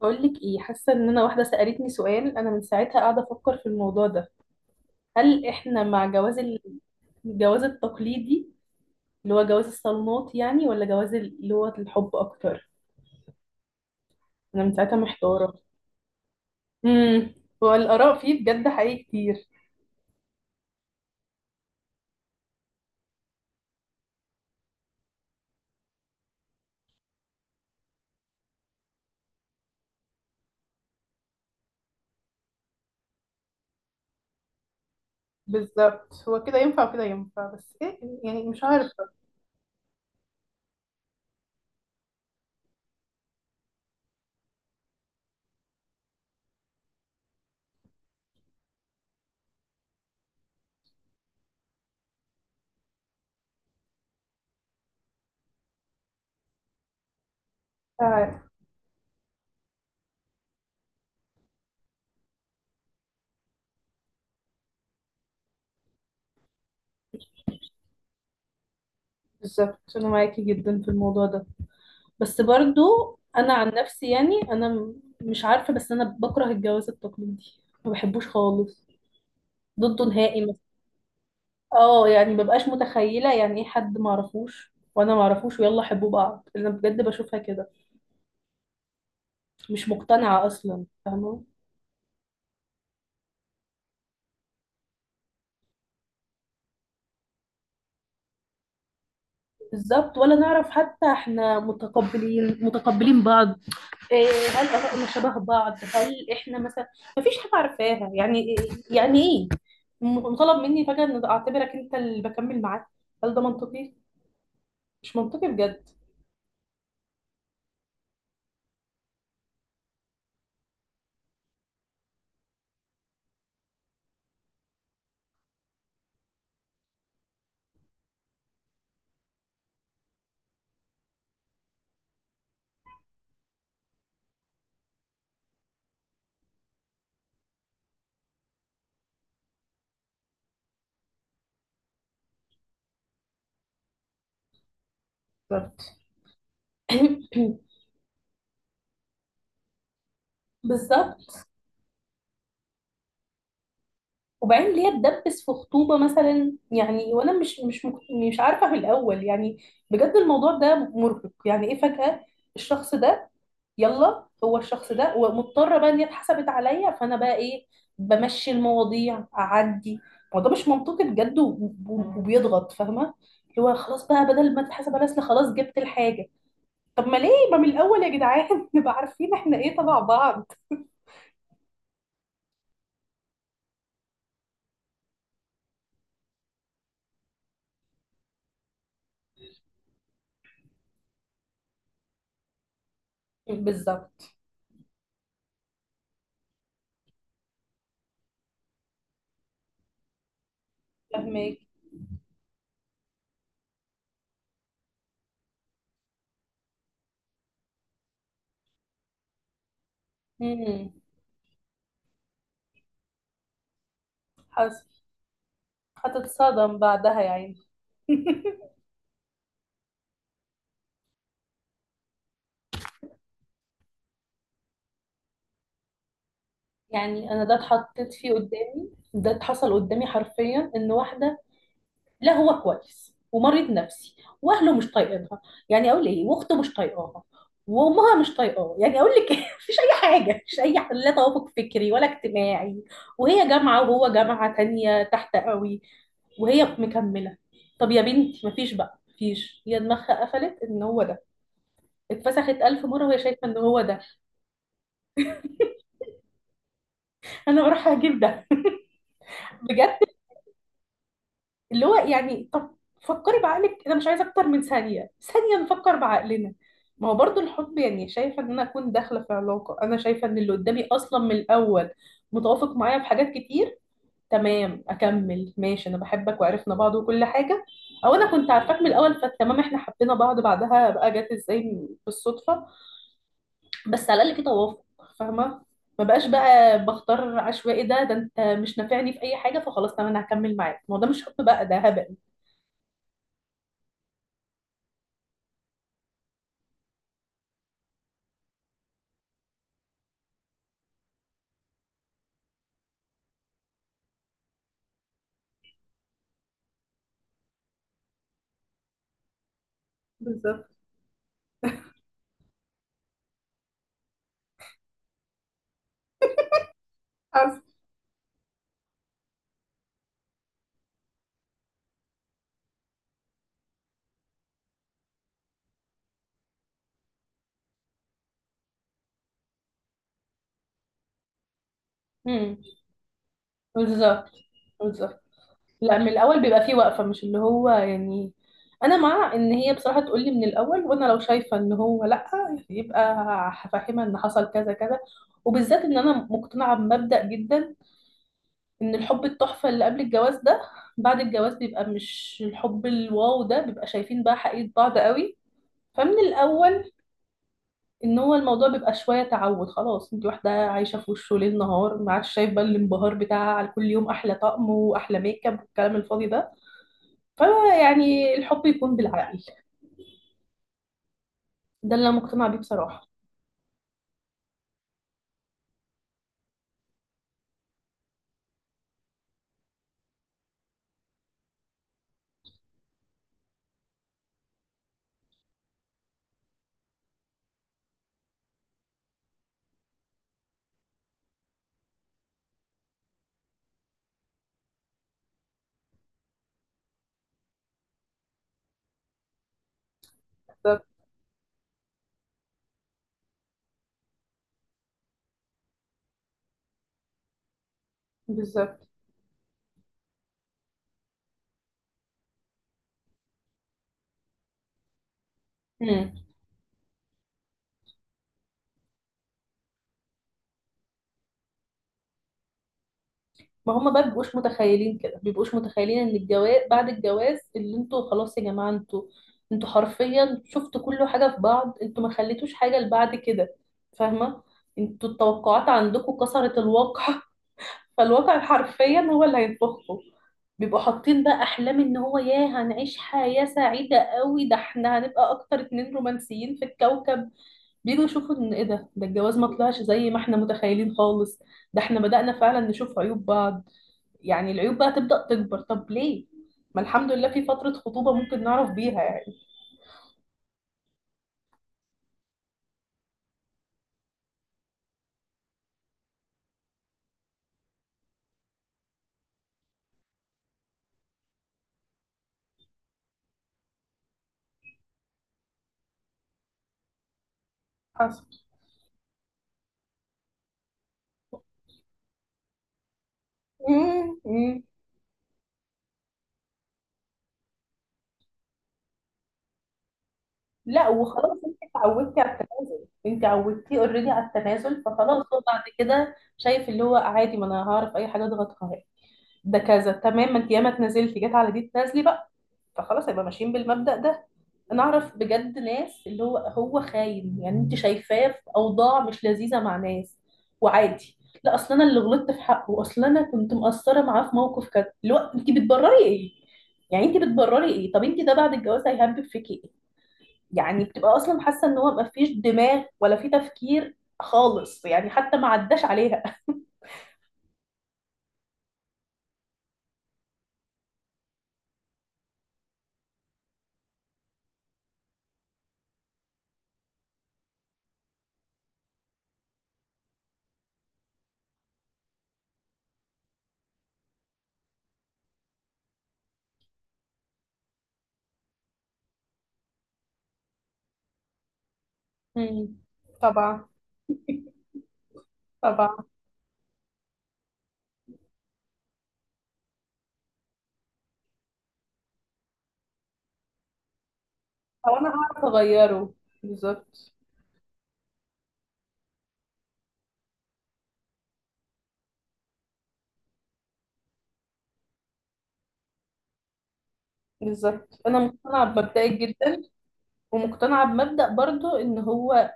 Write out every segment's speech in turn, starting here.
بقول لك ايه، حاسه ان انا واحده سالتني سؤال انا من ساعتها قاعده افكر في الموضوع ده. هل احنا مع جواز الجواز التقليدي، اللي هو جواز الصالونات يعني، ولا جواز اللي هو الحب اكتر؟ انا من ساعتها محتاره. امم. هو الاراء فيه بجد حقيقي كتير. بالظبط، هو كده ينفع وكده ينفع، بس ايه يعني، مش عارفة. بالظبط انا معاكي جدا في الموضوع ده، بس برضو انا عن نفسي يعني انا مش عارفه، بس انا بكره الجواز التقليدي، ما بحبوش خالص، ضده نهائي مثلا. اه يعني مبقاش متخيله يعني ايه حد ما اعرفوش وانا ما اعرفوش ويلا حبوا بعض، انا بجد بشوفها كده، مش مقتنعه اصلا، فاهمه؟ بالظبط، ولا نعرف حتى احنا متقبلين متقبلين بعض. إيه. هل آرائنا شبه بعض؟ هل احنا مثلا مفيش حاجه عارفاها؟ يعني يعني ايه مطالب مني فجاه ان اعتبرك انت اللي بكمل معاك؟ هل ده منطقي؟ مش منطقي بجد. بالظبط. بالظبط. وبعدين ليه اتدبس في خطوبة مثلا، يعني وانا مش عارفة من الاول يعني؟ بجد الموضوع ده مرهق. يعني ايه فجأة الشخص ده؟ يلا هو الشخص ده، ومضطرة بقى ان هي اتحسبت عليا، فانا بقى ايه، بمشي المواضيع اعدي؟ الموضوع مش منطقي بجد، وبيضغط. فاهمة، اللي هو خلاص بقى بدل ما تتحسب على اصل خلاص جبت الحاجة. طب ما ليه، ما من الاول يا جدعان نبقى عارفين احنا ايه تبع بعض. بالظبط. فاهمك. امم. حصل. هتتصدم بعدها يا عيني. يعني انا ده اتحطيت فيه قدامي، ده اتحصل قدامي حرفيا، ان واحده، لا هو كويس ومريض نفسي، واهله مش طايقينها، يعني اقول ايه، واخته مش طايقاها، وامها مش طايقاه، يعني اقول لك إيه؟ مفيش اي حاجه، لا توافق فكري ولا اجتماعي، وهي جامعه وهو جامعه تانية تحت قوي، وهي مكمله. طب يا بنتي، مفيش هي دماغها قفلت ان هو ده، اتفسخت الف مره وهي شايفه ان هو ده، انا بروح اجيب ده بجد. اللي هو يعني طب فكري بعقلك، انا مش عايزه اكتر من ثانيه ثانيه نفكر بعقلنا. ما هو برضو الحب يعني، شايفه ان انا اكون داخله في علاقه انا شايفه ان اللي قدامي اصلا من الاول متوافق معايا في حاجات كتير، تمام اكمل ماشي، انا بحبك وعرفنا بعض وكل حاجه، او انا كنت عارفاك من الاول فتمام، احنا حبينا بعض بعدها بقى، جت ازاي بالصدفه، بس على الاقل في توافق، فاهمه؟ ما بقاش بقى بختار عشوائي، ده انت مش نافعني في اي حاجه فخلاص تمام انا هكمل معاك، ما هو ده مش حب بقى، ده هبل. بالظبط. حظ. امم. بالظبط. بالظبط. لا من الاول بيبقى فيه وقفه، مش اللي هو يعني. انا مع ان هي بصراحه تقول لي من الاول، وانا لو شايفه ان هو لا، يبقى هفهمها ان حصل كذا كذا. وبالذات ان انا مقتنعه بمبدأ جدا، ان الحب التحفه اللي قبل الجواز ده، بعد الجواز بيبقى مش الحب الواو ده، بيبقى شايفين بقى حقيقه بعض قوي. فمن الاول ان هو الموضوع بيبقى شويه تعود، خلاص انت واحده عايشه في وشه ليل نهار، ما عادش شايفه الانبهار بتاعها على كل يوم احلى طقم واحلى ميك اب والكلام الفاضي ده. فيعني الحب يكون بالعقل، ده اللي انا مقتنعه بيه بصراحه. بالظبط. بالظبط. امم. ما هما بقى بيبقوش متخيلين كده، بيبقوش متخيلين ان الجواز بعد الجواز، اللي انتوا خلاص يا جماعه، انتوا حرفيا شفتوا كل حاجه في بعض، انتوا ما خليتوش حاجه لبعد كده، فاهمه؟ انتوا التوقعات عندكم كسرت الواقع. فالواقع حرفيا هو اللي هيطبخه. بيبقوا حاطين بقى احلام ان هو ياه، هنعيش حياة سعيدة قوي، ده احنا هنبقى اكتر اتنين رومانسيين في الكوكب. بيجوا يشوفوا ان ايه ده الجواز ما طلعش زي ما احنا متخيلين خالص، ده احنا بدأنا فعلا نشوف عيوب بعض. يعني العيوب بقى تبدأ تكبر. طب ليه؟ ما الحمد لله في فترة خطوبة ممكن نعرف بيها يعني. حصل. لا وخلاص، انت اتعودتي على التنازل، انت عودتيه اوريدي على التنازل، فخلاص هو بعد كده شايف اللي هو عادي، ما انا هعرف اي حاجه اضغط قهر. ده كذا تمام، ما انت ياما اتنازلتي، جت على دي تنازلي بقى. فخلاص هيبقى ماشيين بالمبدأ ده. انا اعرف بجد ناس، اللي هو خاين، يعني انت شايفاه في اوضاع مش لذيذه مع ناس، وعادي. لا اصل انا اللي غلطت في حقه، اصل انا كنت مقصره معاه في موقف كذا، اللي هو انت بتبرري ايه يعني، انت بتبرري ايه؟ طب انت ده بعد الجواز هيهبب فيكي. يعني بتبقى اصلا حاسه ان هو مفيش دماغ ولا في تفكير خالص، يعني حتى ما عداش عليها. مم. طبعا. طبعا. او انا هعرف اغيره. بالظبط. بالظبط. انا مقتنعه بمبدأي جدا، ومقتنعه بمبدأ برضو ان هو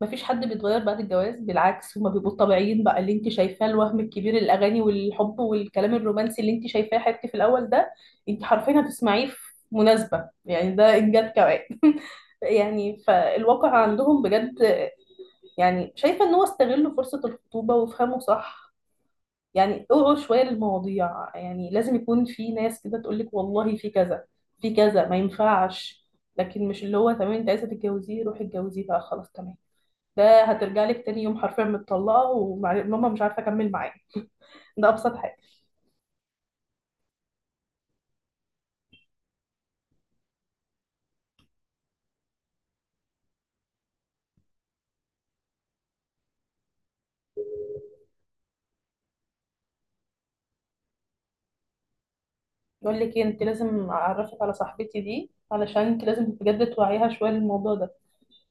مفيش حد بيتغير بعد الجواز، بالعكس هما بيبقوا طبيعيين بقى، اللي انت شايفاه الوهم الكبير، الاغاني والحب والكلام الرومانسي اللي انت شايفاه حبيبتي في الاول ده، انت حرفيا هتسمعيه في مناسبة، يعني ده انجاز كمان. يعني فالواقع عندهم بجد. يعني شايفة ان هو استغلوا فرصة الخطوبة وافهموا صح. يعني اوعوا شوية للمواضيع، يعني لازم يكون في ناس كده تقولك والله في كذا، في كذا ما ينفعش. لكن مش اللي هو تمام انت عايزة تتجوزيه روحي اتجوزيه بقى، خلاص تمام. ده هترجع لك تاني يوم حرفيا متطلقه، وماما مش عارفه اكمل معاه، ده ابسط حاجه. يقول لك إيه، انت لازم اعرفك على صاحبتي دي، علشان انت لازم بجد توعيها شويه للموضوع ده،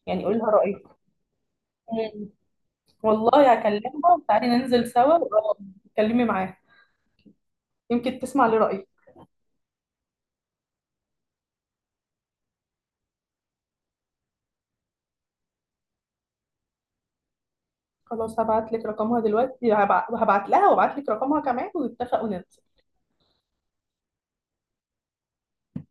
يعني قولي لها رايك. مم. والله هكلمها، وتعالي ننزل سوا وأقعد اتكلمي معاها، يمكن تسمع لرايي. خلاص هبعت لك رقمها دلوقتي، هبعت لها وابعت لك رقمها كمان، ونتفقوا ننزل.